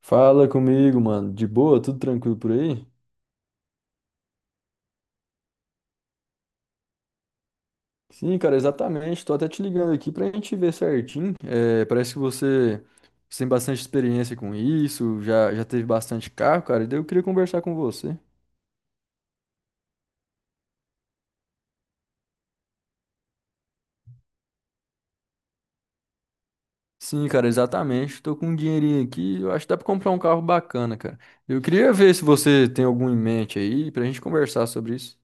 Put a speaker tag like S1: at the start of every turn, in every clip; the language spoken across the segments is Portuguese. S1: Fala comigo, mano. De boa? Tudo tranquilo por aí? Sim, cara, exatamente. Tô até te ligando aqui pra gente ver certinho. É, parece que você tem bastante experiência com isso, já teve bastante carro, cara. E daí eu queria conversar com você. Sim, cara, exatamente. Tô com um dinheirinho aqui. Eu acho que dá pra comprar um carro bacana, cara. Eu queria ver se você tem algum em mente aí pra gente conversar sobre isso.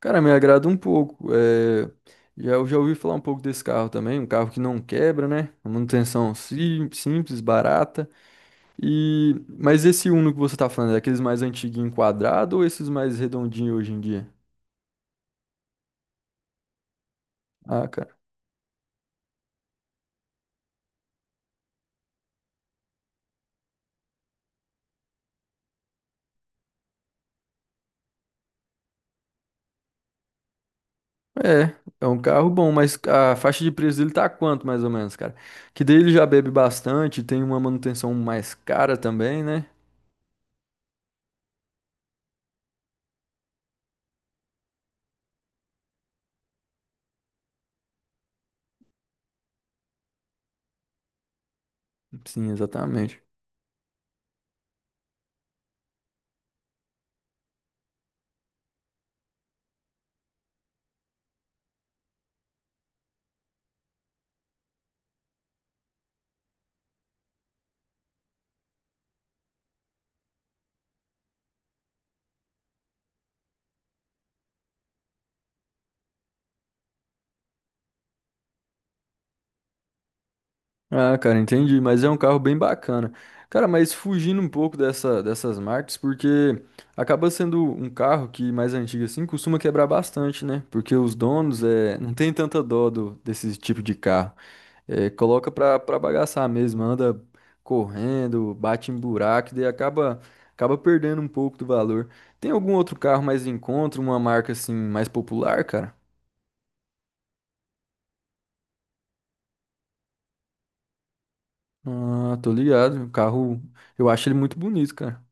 S1: Cara, me agrada um pouco. É, eu já ouvi falar um pouco desse carro também, um carro que não quebra, né? Uma manutenção simples, barata. E mas esse Uno que você tá falando, é aqueles mais antiguinho quadrado ou esses mais redondinhos hoje em dia? Ah, cara. É, é um carro bom, mas a faixa de preço dele tá quanto mais ou menos, cara? Que daí ele já bebe bastante, tem uma manutenção mais cara também, né? Sim, exatamente. Ah, cara, entendi, mas é um carro bem bacana. Cara, mas fugindo um pouco dessas marcas, porque acaba sendo um carro que mais antigo assim costuma quebrar bastante, né? Porque os donos não tem tanta dó desse tipo de carro. É, coloca pra bagaçar mesmo, anda correndo, bate em buraco, e daí acaba perdendo um pouco do valor. Tem algum outro carro mais em conta, uma marca assim mais popular, cara? Ah, tô ligado. O carro, eu acho ele muito bonito, cara.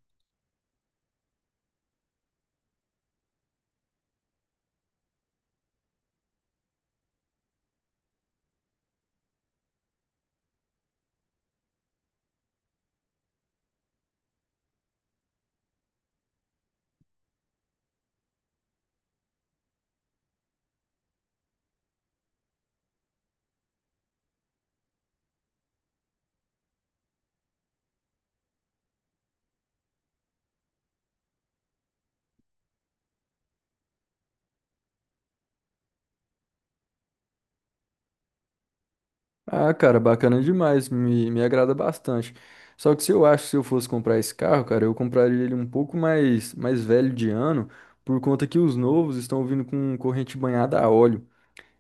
S1: Ah, cara, bacana demais, me agrada bastante. Só que se eu acho que se eu fosse comprar esse carro, cara, eu compraria ele um pouco mais velho de ano, por conta que os novos estão vindo com corrente banhada a óleo.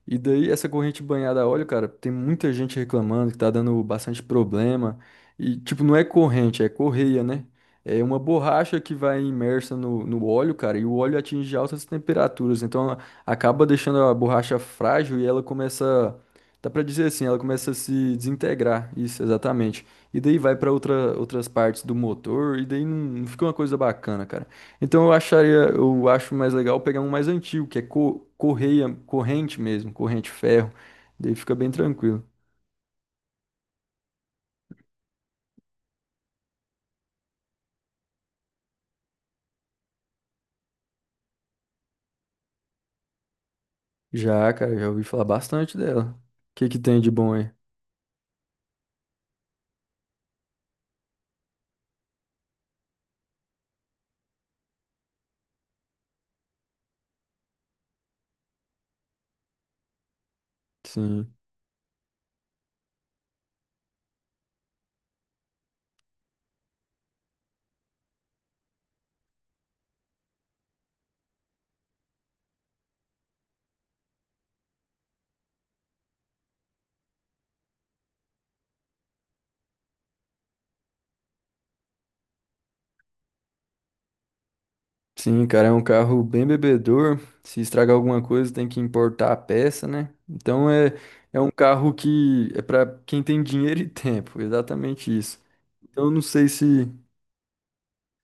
S1: E daí, essa corrente banhada a óleo, cara, tem muita gente reclamando que tá dando bastante problema. E, tipo, não é corrente, é correia, né? É uma borracha que vai imersa no óleo, cara, e o óleo atinge altas temperaturas. Então, ela acaba deixando a borracha frágil e ela começa, dá pra dizer assim, ela começa a se desintegrar. Isso, exatamente. E daí vai pra outras partes do motor, e daí não fica uma coisa bacana, cara. Então eu acho mais legal pegar um mais antigo, que é correia, corrente mesmo, corrente ferro. Daí fica bem tranquilo. Já, cara, já ouvi falar bastante dela. O que que tem de bom aí? Sim. Sim, cara, é um carro bem bebedor. Se estragar alguma coisa, tem que importar a peça, né? Então é um carro que é pra quem tem dinheiro e tempo, exatamente isso. Então eu não sei se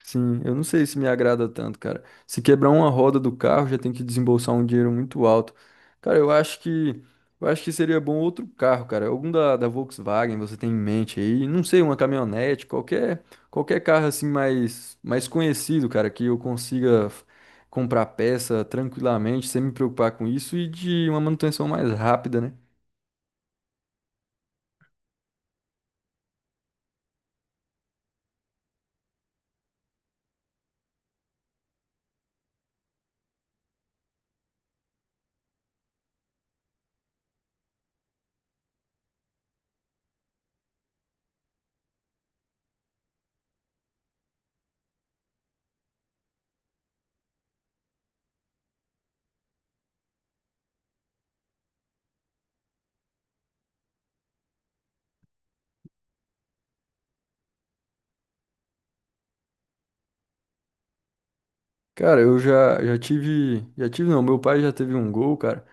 S1: Sim, eu não sei se me agrada tanto, cara. Se quebrar uma roda do carro, já tem que desembolsar um dinheiro muito alto. Cara, eu acho que seria bom outro carro, cara. Algum da Volkswagen você tem em mente aí? Não sei, uma caminhonete, qualquer carro assim mais conhecido, cara, que eu consiga comprar peça tranquilamente, sem me preocupar com isso e de uma manutenção mais rápida, né? Cara, eu já tive, já tive não, meu pai já teve um Gol, cara.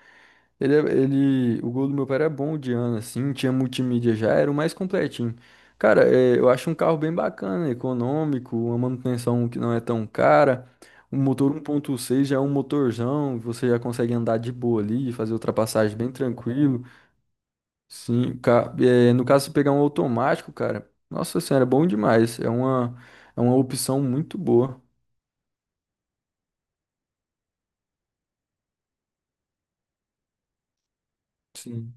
S1: O gol do meu pai era bom de ano, assim, tinha multimídia já, era o mais completinho. Cara, eu acho um carro bem bacana, econômico, uma manutenção que não é tão cara. O motor 1.6 já é um motorzão, você já consegue andar de boa ali, fazer ultrapassagem bem tranquilo. Sim, no caso, se pegar um automático, cara, nossa senhora, é bom demais. É uma opção muito boa. Sim.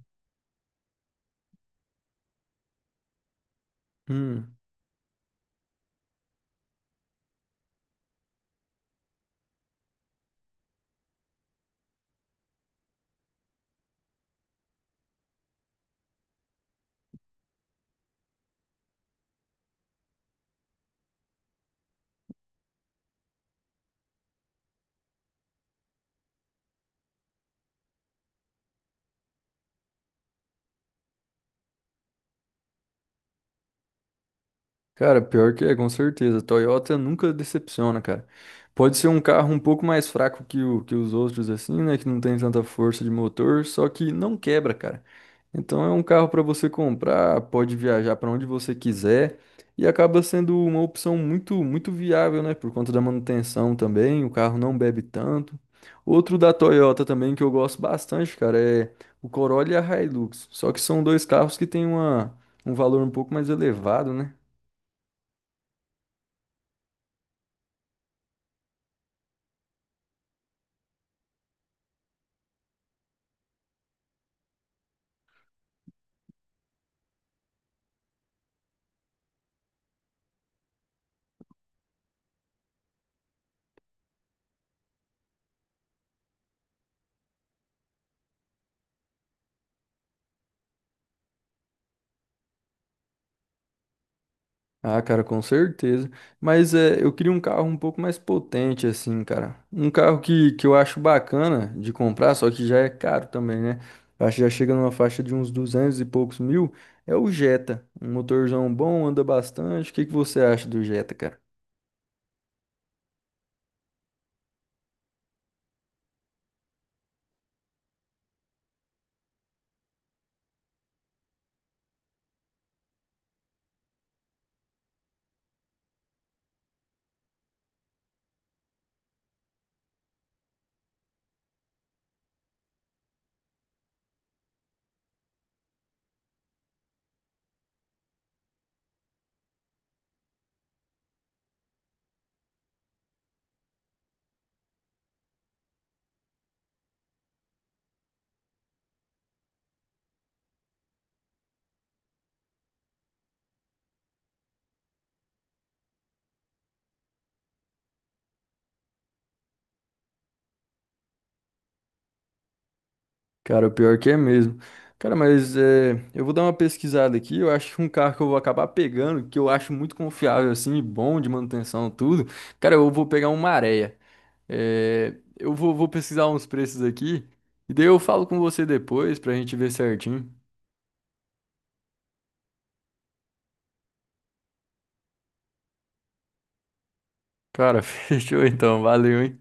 S1: Hum. Cara, pior que é, com certeza. Toyota nunca decepciona, cara. Pode ser um carro um pouco mais fraco que os outros, assim, né? Que não tem tanta força de motor, só que não quebra, cara. Então é um carro para você comprar, pode viajar para onde você quiser e acaba sendo uma opção muito, muito viável, né? Por conta da manutenção também, o carro não bebe tanto. Outro da Toyota também que eu gosto bastante, cara, é o Corolla e a Hilux. Só que são dois carros que têm um valor um pouco mais elevado, né? Ah, cara, com certeza. Mas eu queria um carro um pouco mais potente, assim, cara. Um carro que eu acho bacana de comprar, só que já é caro também, né? Eu acho que já chega numa faixa de uns 200 e poucos mil. É o Jetta. Um motorzão bom, anda bastante. O que que você acha do Jetta, cara? Cara, o pior que é mesmo. Cara, mas eu vou dar uma pesquisada aqui. Eu acho que um carro que eu vou acabar pegando, que eu acho muito confiável, assim, e bom de manutenção, tudo. Cara, eu vou pegar um Maré. É, eu vou pesquisar uns preços aqui e daí eu falo com você depois pra gente ver certinho. Cara, fechou então, valeu, hein?